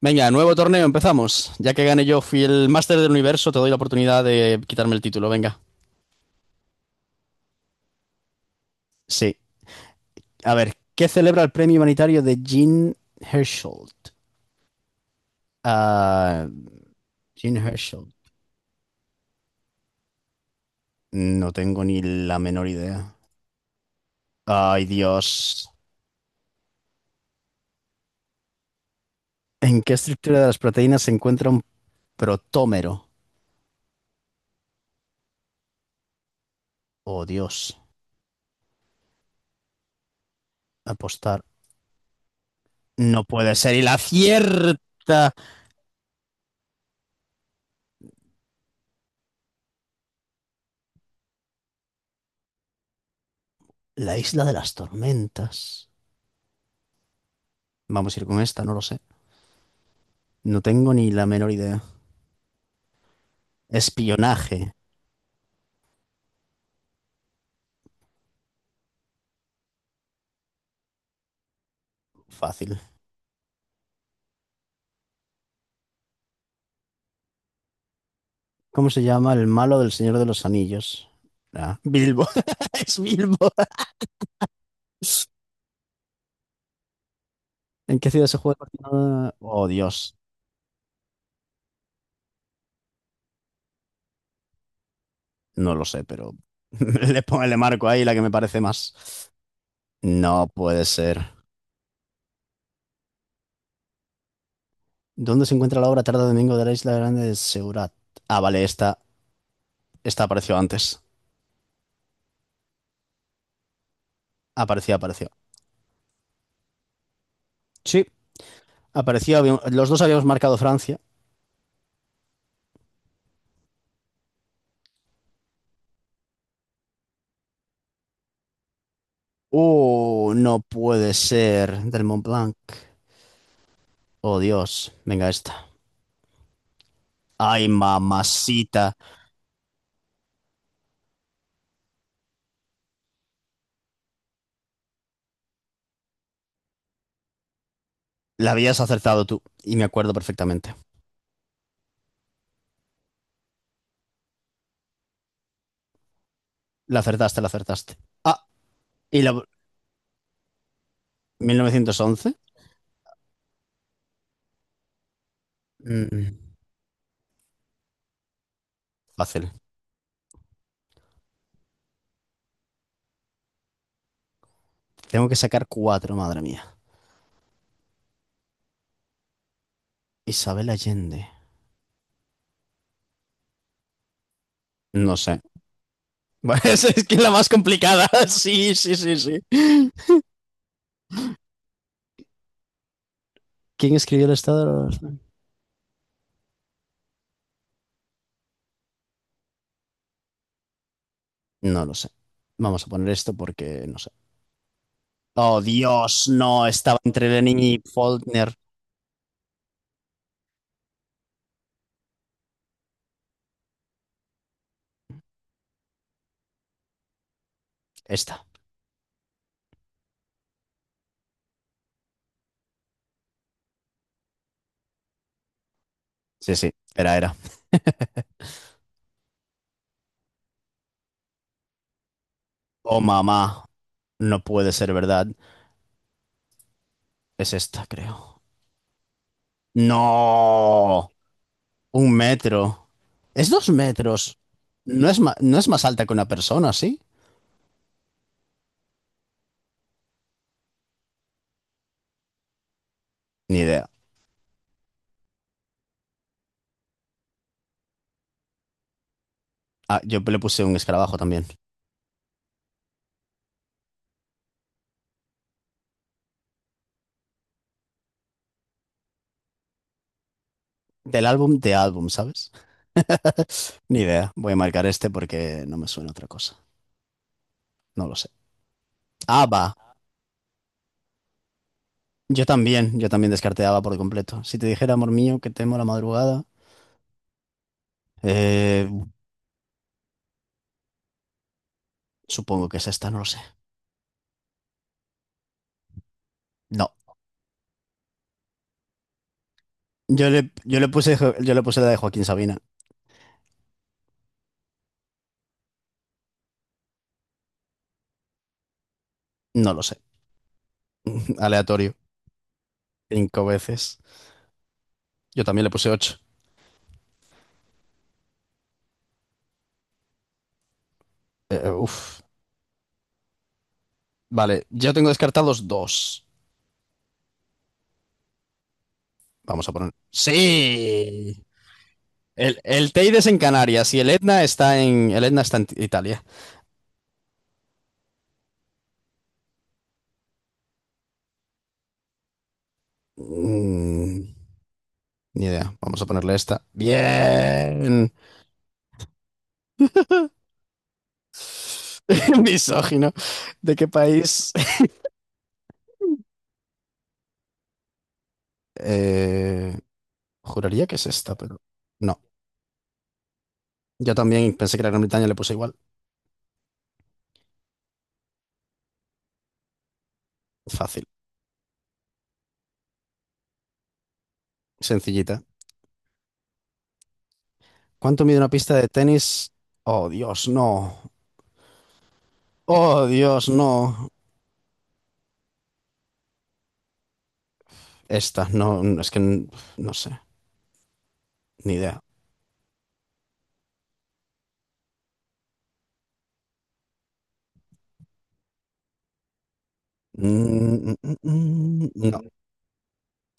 Venga, nuevo torneo, empezamos. Ya que gané yo, fui el máster del universo, te doy la oportunidad de quitarme el título, venga. Sí. A ver, ¿qué celebra el premio humanitario de Jean Herschel? Ah, Jean Herschel. No tengo ni la menor idea. Ay, Dios. ¿En qué estructura de las proteínas se encuentra un protómero? Oh, Dios. Apostar. No puede ser. Y la cierta. La isla de las tormentas. Vamos a ir con esta, no lo sé. No tengo ni la menor idea. Espionaje. Fácil. ¿Cómo se llama el malo del Señor de los Anillos? Ah, Bilbo. Es Bilbo. ¿En qué ciudad se juega el partido? Oh, Dios. No lo sé, pero le pongo el marco ahí, la que me parece más. No puede ser. ¿Dónde se encuentra la obra Tarde Domingo de la Isla Grande de Seurat? Ah, vale, esta apareció antes. Apareció, apareció. Sí, apareció. Los dos habíamos marcado Francia. Oh, no puede ser. Del Mont Blanc. Oh, Dios. Venga, esta. Ay, mamacita. La habías acertado tú. Y me acuerdo perfectamente. La acertaste, la acertaste. Ah, y la... 1911. Mm, fácil. Tengo que sacar cuatro, madre mía. Isabel Allende. No sé. Es que es la más complicada. Sí, sí, sí, sí. ¿Quién escribió el Estado de los... No lo sé. Vamos a poner esto porque no sé. Oh, Dios, no. Estaba entre Lenin y Faulkner. Esta. Sí, sí. Era, era. Oh, mamá. No puede ser verdad. Es esta, creo. No, un metro. Es dos metros. No es más alta que una persona, ¿sí? Ni idea. Ah, yo le puse un escarabajo también. Del álbum de álbum, ¿sabes? Ni idea. Voy a marcar este porque no me suena otra cosa. No lo sé. ABBA. Yo también. Yo también descarté ABBA por completo. Si te dijera, amor mío, que temo la madrugada. eh, Supongo que es esta, no lo sé. No. Yo le puse la de Joaquín Sabina. No lo sé. Aleatorio. Cinco veces. Yo también le puse 8. Uf. Vale, yo tengo descartados dos. Vamos a poner. ¡Sí! El Teide es en Canarias y el Etna está en. El Etna está en Italia. Mm, ni idea. Vamos a ponerle esta. ¡Bien! Misógino. ¿De qué país? Eh, juraría que es esta, pero. No. Yo también pensé que la Gran Bretaña le puse igual. Fácil. Sencillita. ¿Cuánto mide una pista de tenis? Oh, Dios, no. Oh, Dios, no. Esta, no, no, es que n- no sé, ni idea. Mm, mm, No.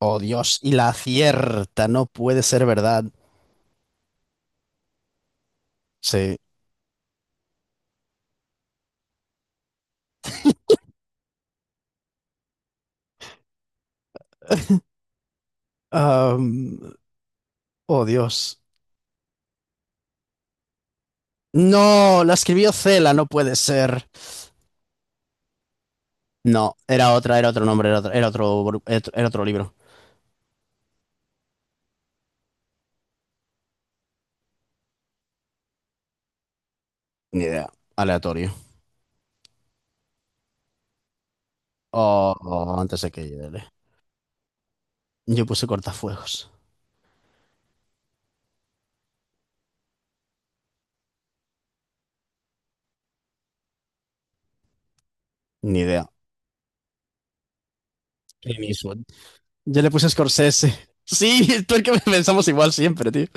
Oh, Dios, y la acierta, no puede ser verdad. Sí. Am, oh, Dios. No, la escribió Cela, no puede ser. No, era otra, era otro nombre, era otro, bru- era otro libro. Ni idea. Aleatorio. Oh, antes de que llegue. Yo puse cortafuegos. Ni idea. Clint Eastwood. Yo le puse Scorsese. Sí, tú es que pensamos igual siempre, tío.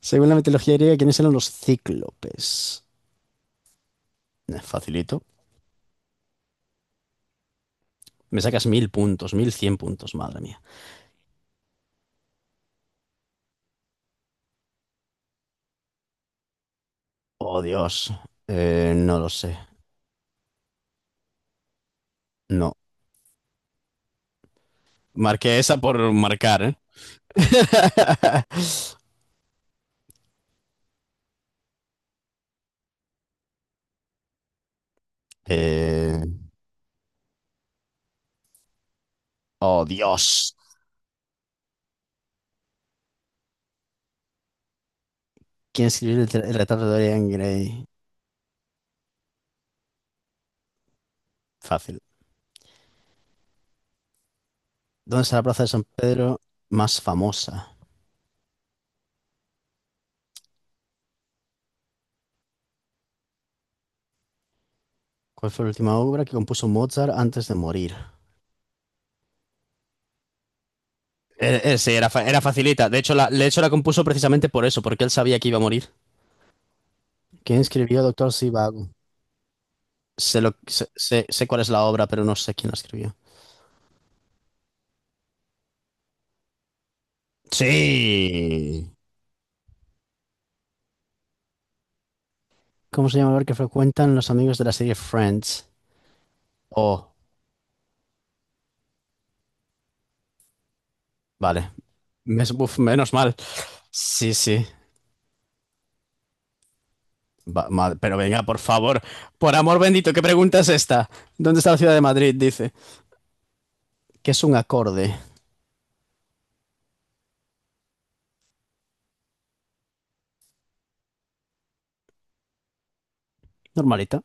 Según la mitología griega, ¿quiénes eran los cíclopes? Facilito. Me sacas mil puntos, mil cien puntos, madre mía. Oh, Dios. No lo sé. No. Marqué esa por marcar, ¿eh? Eh, Oh, Dios. ¿Quién escribió el retrato de Dorian Gray? Fácil. ¿Dónde está la plaza de San Pedro más famosa? ¿Cuál fue la última obra que compuso Mozart antes de morir? Sí, era facilita. De hecho, de hecho, la compuso precisamente por eso, porque él sabía que iba a morir. ¿Quién escribió Doctor Sivago? Sé, lo, sé, sé- Sé cuál es la obra, pero no sé quién la escribió. Sí. ¿Cómo se llama el bar que frecuentan los amigos de la serie Friends? Oh, vale. Menos mal. Sí, sí. Pero venga, por favor. Por amor bendito, ¿qué pregunta es esta? ¿Dónde está la ciudad de Madrid? Dice. ¿Qué es un acorde? Normalita.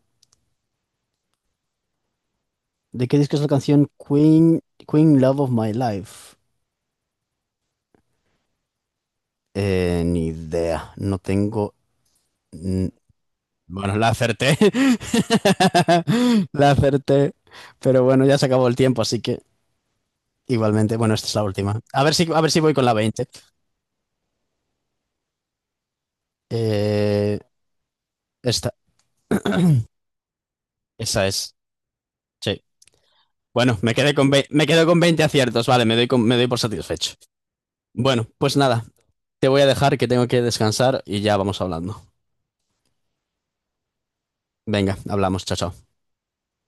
¿De qué disco es la canción Queen, Queen Love of My Life? Ni idea, no tengo... n- Bueno, la acerté. La acerté. Pero bueno, ya se acabó el tiempo, así que igualmente, bueno, esta es la última. A ver si voy con la 20. Eh, esta, esa es. Sí. Bueno, me quedo con 20 aciertos, vale, me doy por satisfecho. Bueno, pues nada, te voy a dejar que tengo que descansar y ya vamos hablando. Venga, hablamos, chao, chao.